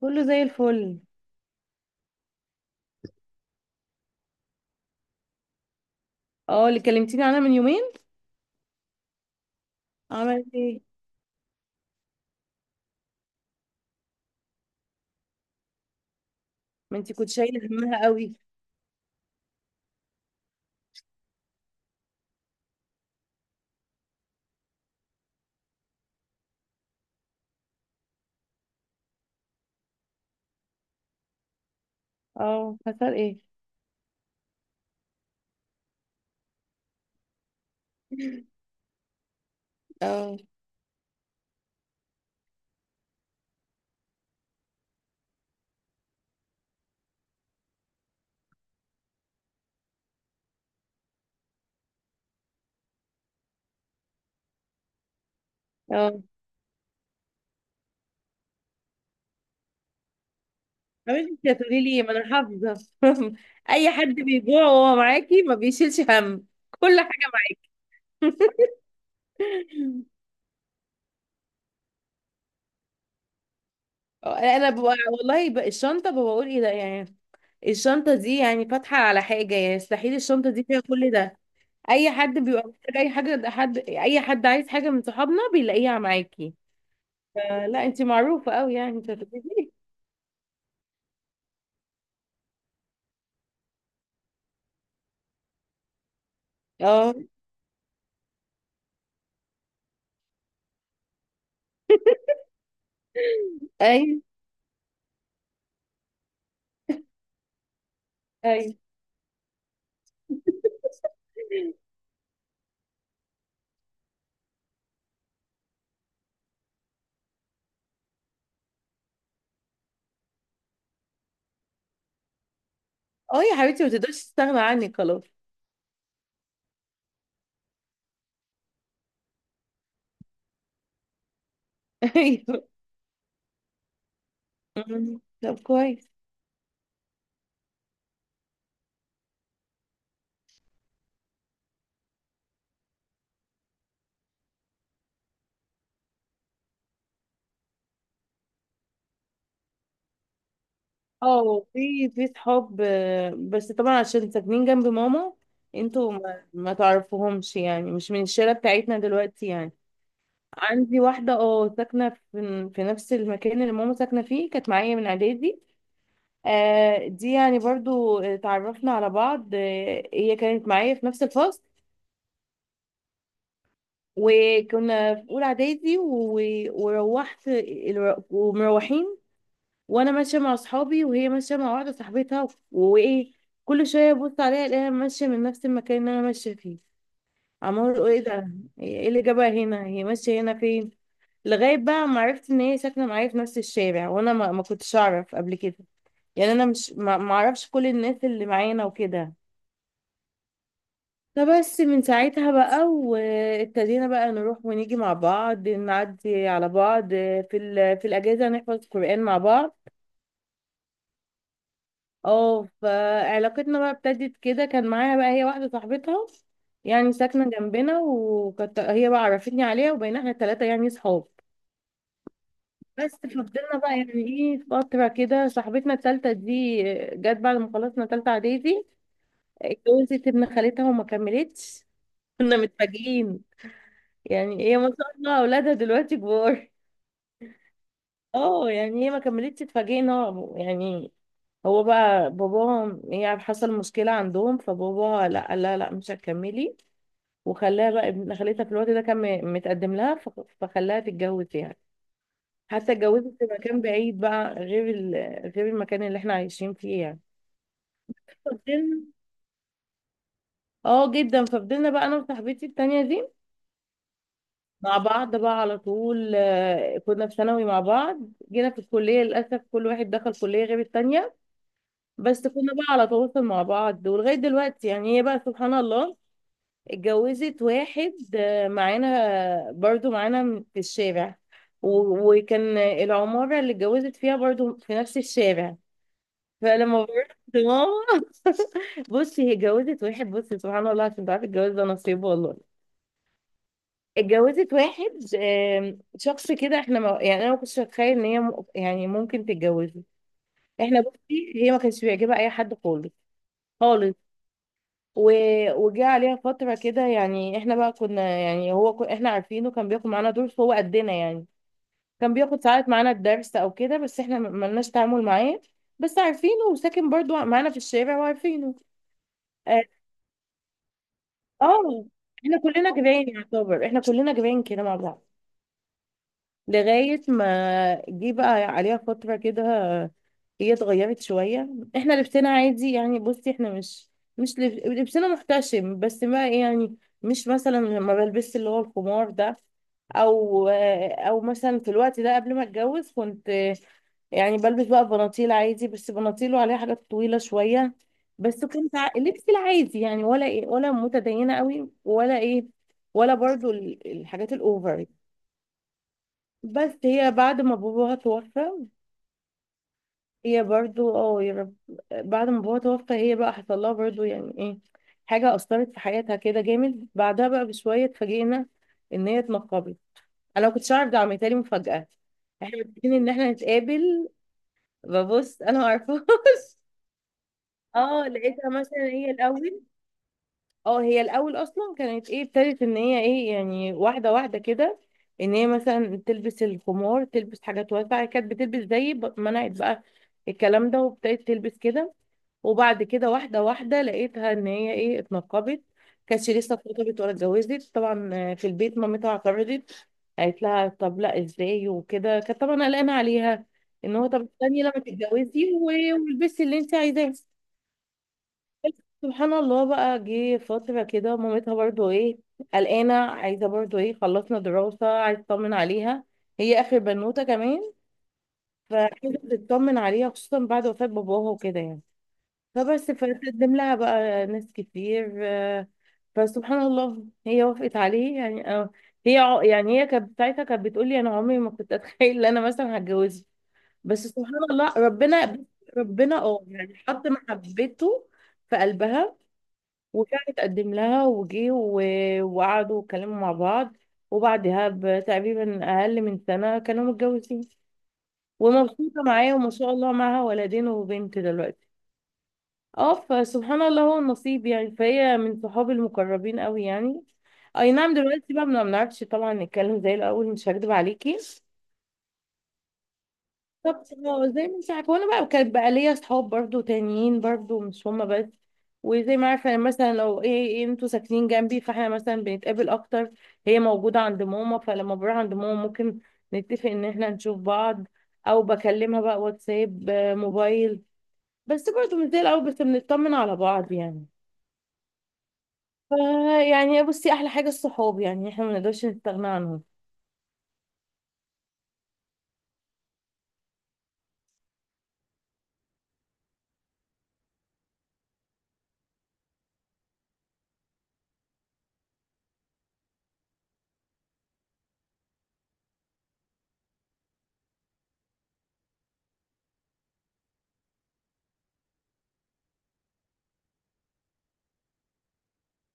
كله زي الفل. اه، اللي كلمتيني عنها من يومين. عملت ايه؟ ما انتي كنت شايله همها قوي. اه، حصل ايه؟ اه. اه. عملت انت هتقولي لي، ما انا حافظه. اي حد بيجوع وهو معاكي ما بيشيلش هم. كل حاجه معاكي. اه، انا ببقى والله بقى الشنطه، ببقى بقول ايه ده يعني. الشنطه دي يعني فاتحه على حاجه، يعني مستحيل الشنطه دي فيها كل ده. اي حد بيبقى محتاج اي حاجه، ده حد اي حد عايز حاجه من صحابنا بيلاقيها معاكي. آه، لا انت معروفة قوي، يعني انت هتبتدي. اه. ايوه. ايوه. اه يا حبيبتي، ما تقدرش تستغنى عني خلاص. ايوه. أمم. طب كويس. اه، في صحاب آه، بس طبعا عشان ساكنين جنب ماما. انتوا ما تعرفوهمش، يعني مش من الشارع بتاعتنا دلوقتي يعني. عندي واحدة اه ساكنة في نفس المكان اللي ماما ساكنة فيه، كانت معايا من اعدادي. آه دي يعني برضو اتعرفنا على بعض، آه هي كانت معايا في نفس الفصل. وكنا في اولى اعدادي. وروحت ومروحين، وانا ماشيه مع اصحابي وهي ماشيه مع واحده صاحبتها، وايه، كل شويه ابص عليها الاقيها ماشيه من نفس المكان اللي انا ماشيه فيه. عمال اقول ايه ده؟ ايه اللي جابها هنا؟ هي ماشيه هنا فين؟ لغايه بقى ما عرفت ان هي ساكنه معايا في نفس الشارع، وانا ما كنتش اعرف قبل كده. يعني انا مش ما اعرفش كل الناس اللي معانا وكده. فبس من ساعتها بقى، وابتدينا بقى نروح ونيجي مع بعض، نعدي على بعض. في الاجازه نحفظ قرآن مع بعض. اه، فعلاقتنا بقى ابتدت كده، كان معاها بقى هي واحده صاحبتها، يعني ساكنه جنبنا، وكانت هي بقى عرفتني عليها، وبقينا احنا الثلاثه يعني صحاب. بس فضلنا بقى يعني ايه فتره كده، صاحبتنا الثالثه دي جت بعد ما خلصنا ثالثه اعدادي، اتجوزت ابن خالتها وما كملتش. كنا متفاجئين، يعني هي ما شاء الله اولادها دلوقتي كبار. اه يعني هي ما كملتش، اتفاجئنا يعني. هو بقى باباها يعني حصل مشكلة عندهم، فباباها لا، قال لها لا مش هتكملي، وخلاها بقى ابن خالتها في الوقت ده كان متقدم لها، فخلاها تتجوز يعني. حتى اتجوزت في مكان بعيد بقى غير غير المكان اللي احنا عايشين فيه يعني. ففضلنا. اه جدا، ففضلنا بقى انا وصاحبتي التانية دي مع بعض بقى على طول، آه، كنا في ثانوي مع بعض. جينا في الكلية للأسف كل واحد دخل كلية غير التانية. بس كنا بقى على تواصل مع بعض ولغاية دلوقتي، يعني هي بقى سبحان الله اتجوزت واحد آه، معانا برضو معانا في الشارع. و- وكان العمارة اللي اتجوزت فيها برضو في نفس الشارع. فلما بروح لماما، بصي هي اتجوزت واحد، بصي سبحان الله، عشان تعرفي الجواز ده نصيب والله. اتجوزت واحد، شخص كده احنا ما يعني، انا ما كنتش اتخيل ان هي يعني ممكن تتجوزه. احنا بصي هي ما كانش بيعجبها اي حد خالص، خالص. و... وجه عليها فتره كده، يعني احنا بقى كنا يعني هو احنا عارفينه كان بياخد معانا دروس هو قدنا يعني، كان بياخد ساعات معانا الدرس او كده، بس احنا ما لناش تعامل معاه. بس عارفينه، وساكن برضو معانا في الشارع وعارفينه. اه، آه، احنا كلنا جيران يعتبر، احنا كلنا جيران كده مع بعض. لغاية ما جه بقى عليها فترة كده، هي اتغيرت شوية. احنا لبسنا عادي يعني، بصي احنا مش، مش لبسنا محتشم، بس ما يعني مش مثلا ما بلبس اللي هو الخمار ده، او مثلا في الوقت ده قبل ما اتجوز كنت يعني بلبس بقى بناطيل عادي، بس بناطيل وعليها حاجات طويلة شوية. بس كنت لبسي العادي يعني، ولا ايه، ولا متدينة قوي ولا ايه، ولا برضو الحاجات الاوفر. بس هي بعد ما باباها توفى، هي برضو اه يا رب. بعد ما باباها توفى، هي بقى حصل لها برضو يعني ايه، حاجة أثرت في حياتها كده جامد، بعدها بقى بشوية اتفاجئنا إن هي اتنقبت. أنا ما كنتش أعرف، ده عملتها لي مفاجأة. احنا متفقين إن احنا نتقابل، ببص أنا ما أعرفهاش. اه، لقيتها مثلا هي الأول، اه هي الاول اصلا كانت ايه، ابتدت ان هي ايه يعني واحده واحده كده، ان هي مثلا تلبس الخمار، تلبس حاجات واسعه، هي كانت بتلبس زي منعت بقى الكلام ده، وابتدت تلبس كده. وبعد كده واحده واحده، لقيتها ان هي ايه اتنقبت. كانتش لسه اتخطبت ولا اتجوزت طبعا، آه، في البيت مامتها اعترضت، قالت لها طب لا ازاي وكده، كانت طبعا قلقانه عليها، ان هو طب استني لما تتجوزي و- والبسي اللي انت عايزاه. سبحان الله، بقى جه فترة كده مامتها برضو ايه، قلقانة عايزة برضو ايه، خلصنا دراسة عايزة تطمن عليها، هي آخر بنوتة كمان، فعايزة تطمن عليها خصوصا بعد وفاة باباها وكده يعني. فبس فتقدم لها بقى ناس كتير آه، فسبحان الله هي وافقت عليه يعني آه. هي يعني هي كانت ساعتها كانت بتقول لي انا عمري ما كنت اتخيل ان انا مثلا هتجوزه، بس سبحان الله ربنا. ربنا اه يعني حط محبته في قلبها. وفعلا اتقدم لها وجي و- وقعدوا واتكلموا مع بعض، وبعدها بتقريبا أقل من سنة كانوا متجوزين، ومبسوطة معاه، وما شاء الله معاها ولدين وبنت دلوقتي. اه فسبحان الله هو النصيب يعني، فهي من صحابي المقربين قوي يعني. اي نعم، دلوقتي بقى ما بنعرفش طبعا نتكلم زي الاول، مش هكدب عليكي. بالظبط، اه زي ما انت عارفه، وانا بقى وكان بقى ليا اصحاب برضو تانيين برضو مش هما بس، وزي ما عارفه، يعني مثلا لو ايه انتوا ساكنين جنبي، فاحنا مثلا بنتقابل اكتر. هي موجوده عند ماما، فلما بروح عند ماما ممكن نتفق ان احنا نشوف بعض، او بكلمها بقى واتساب آه، موبايل. بس برضو مش زي الاول، بس بنطمن على بعض يعني. فا يعني بصي، احلى حاجه الصحاب، يعني احنا ما نقدرش نستغنى عنهم.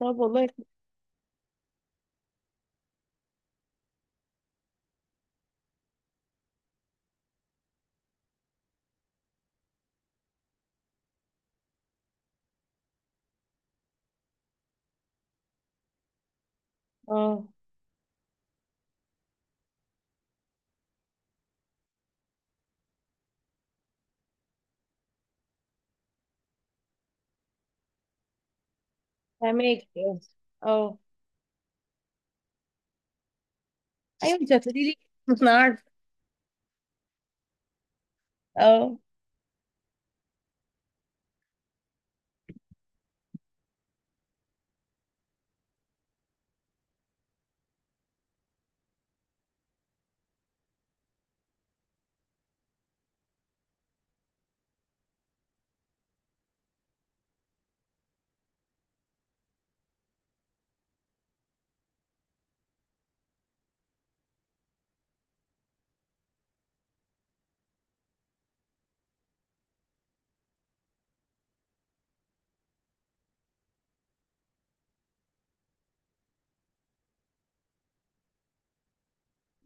طب والله. اه، فهماك اه. أه. ايوه انت هتقولي لي. مش عارفه. اه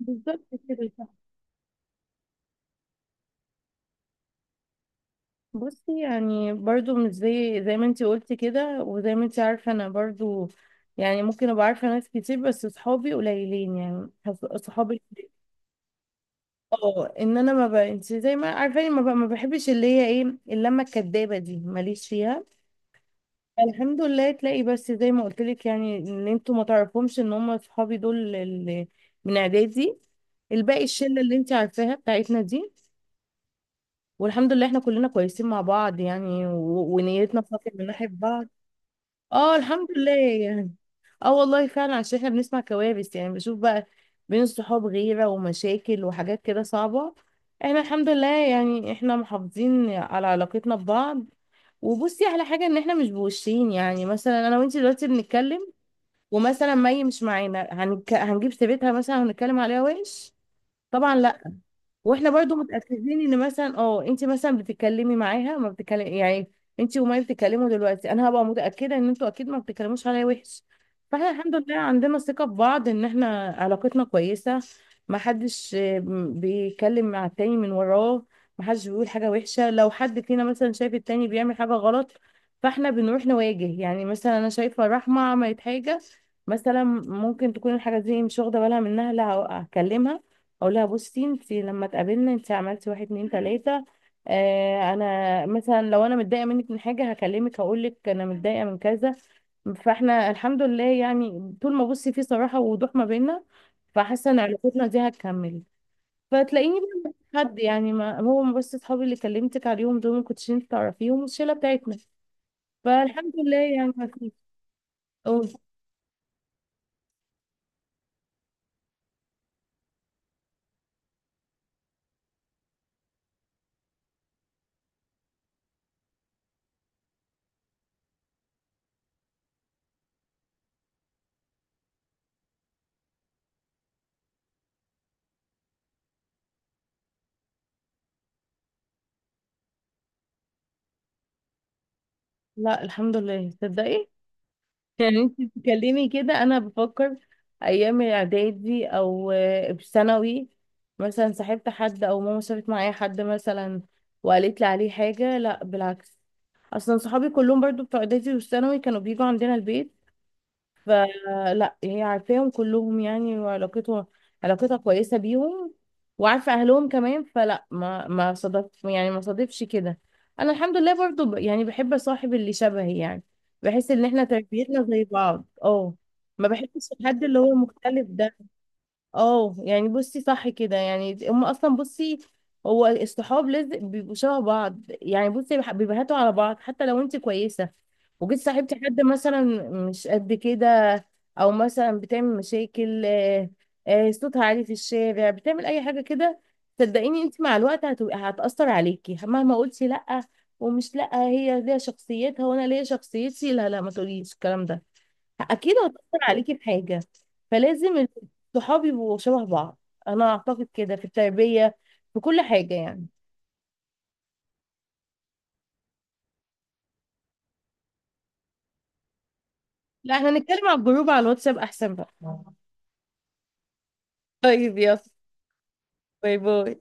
بالظبط كده صح. بصي، يعني برضو مش زي ما انتي قلتي كده، وزي ما انتي عارفة انا برضو، يعني ممكن ابقى عارفة ناس كتير، بس صحابي قليلين، يعني صحابي. اه ان انا ما ب... انتي زي ما عارفاني، ما بحبش اللي هي ايه اللمة الكدابة دي، ماليش فيها. الحمد لله تلاقي بس زي ما قلت لك، يعني ان انتوا ما تعرفهمش ان هم صحابي دول اللي من اعدادي، الباقي الشلة اللي انتي عارفاها بتاعتنا دي. والحمد لله احنا كلنا كويسين مع بعض، يعني ونيتنا صافية من ناحية بعض. اه الحمد لله يعني. اه والله فعلا، عشان احنا بنسمع كوارث، يعني بشوف بقى بين الصحاب غيرة ومشاكل وحاجات كده صعبة. احنا الحمد لله يعني، احنا محافظين على علاقتنا ببعض، وبصي على حاجة، ان احنا مش بوشين، يعني مثلا انا وانتي دلوقتي بنتكلم ومثلا مي مش معانا هنجيب سيرتها مثلا هنتكلم عليها وحش؟ طبعا لا. واحنا برضو متاكدين، ان مثلا اه انت مثلا بتتكلمي معاها ما بتتكلم يعني انت، وما بتتكلموا دلوقتي، انا هبقى متاكده ان انتوا اكيد ما بتتكلموش عليا وحش. فاحنا الحمد لله عندنا ثقه في بعض، ان احنا علاقتنا كويسه. ما حدش آه، بيتكلم مع التاني من وراه. ما حدش بيقول حاجه وحشه، لو حد فينا مثلا شايف التاني بيعمل حاجه غلط، فاحنا بنروح نواجه يعني، مثلا انا شايفه رحمه عملت حاجه، مثلا ممكن تكون الحاجه دي مش واخده بالها منها، لا، هكلمها، اقول لها بصي، انت لما اتقابلنا انت عملتي واحد اتنين تلاته. آه انا مثلا لو انا متضايقه منك من حاجه هكلمك، هقول لك انا متضايقه من كذا. فاحنا الحمد لله يعني، طول ما بصي في صراحه ووضوح ما بيننا، فحاسه ان علاقتنا دي هتكمل. فتلاقيني بقى مش حد يعني، ما هو بس اصحابي اللي كلمتك عليهم دول ما كنتش انت تعرفيهم والشله بتاعتنا، فالحمد لله يعني ما فيش. أوه. لا الحمد لله تصدقي، يعني انت بتتكلمي كده انا بفكر ايام الاعدادي او آه، في ثانوي مثلا صاحبت حد، او ماما شافت معايا حد مثلا وقالت لي عليه حاجه، لا بالعكس. اصلا صحابي كلهم برضو بتوع اعدادي وثانوي كانوا بيجوا عندنا البيت، فلا هي عارفاهم كلهم يعني، وعلاقتها كويسة بيهم، وعارفة أهلهم كمان، فلا ما صادف، يعني ما صادفش كده. أنا الحمد لله برضو يعني بحب أصاحب اللي شبهي يعني، بحس إن إحنا تربيتنا زي بعض اه. ما بحبش الحد اللي هو مختلف ده. اه يعني بصي صح كده، يعني هم اصلا بصي، هو الصحاب لازم بيبقوا شبه بعض، يعني بصي بيبهتوا على بعض، حتى لو انت كويسه وجيت صاحبتي حد مثلا مش قد كده، او مثلا بتعمل مشاكل آه، آه، صوتها عالي في الشارع بتعمل اي حاجه كده، صدقيني انت مع الوقت هتبقى هتاثر عليكي مهما قلتي لا، ومش لا هي ليها شخصيتها وانا ليا شخصيتي لا لا، ما تقوليش الكلام ده، اكيد هتأثر عليكي بحاجة. فلازم الصحاب يبقوا شبه بعض، انا اعتقد كده في التربية في كل حاجة يعني. لا احنا نتكلم على الجروب على الواتساب احسن بقى. طيب يلا. باي باي.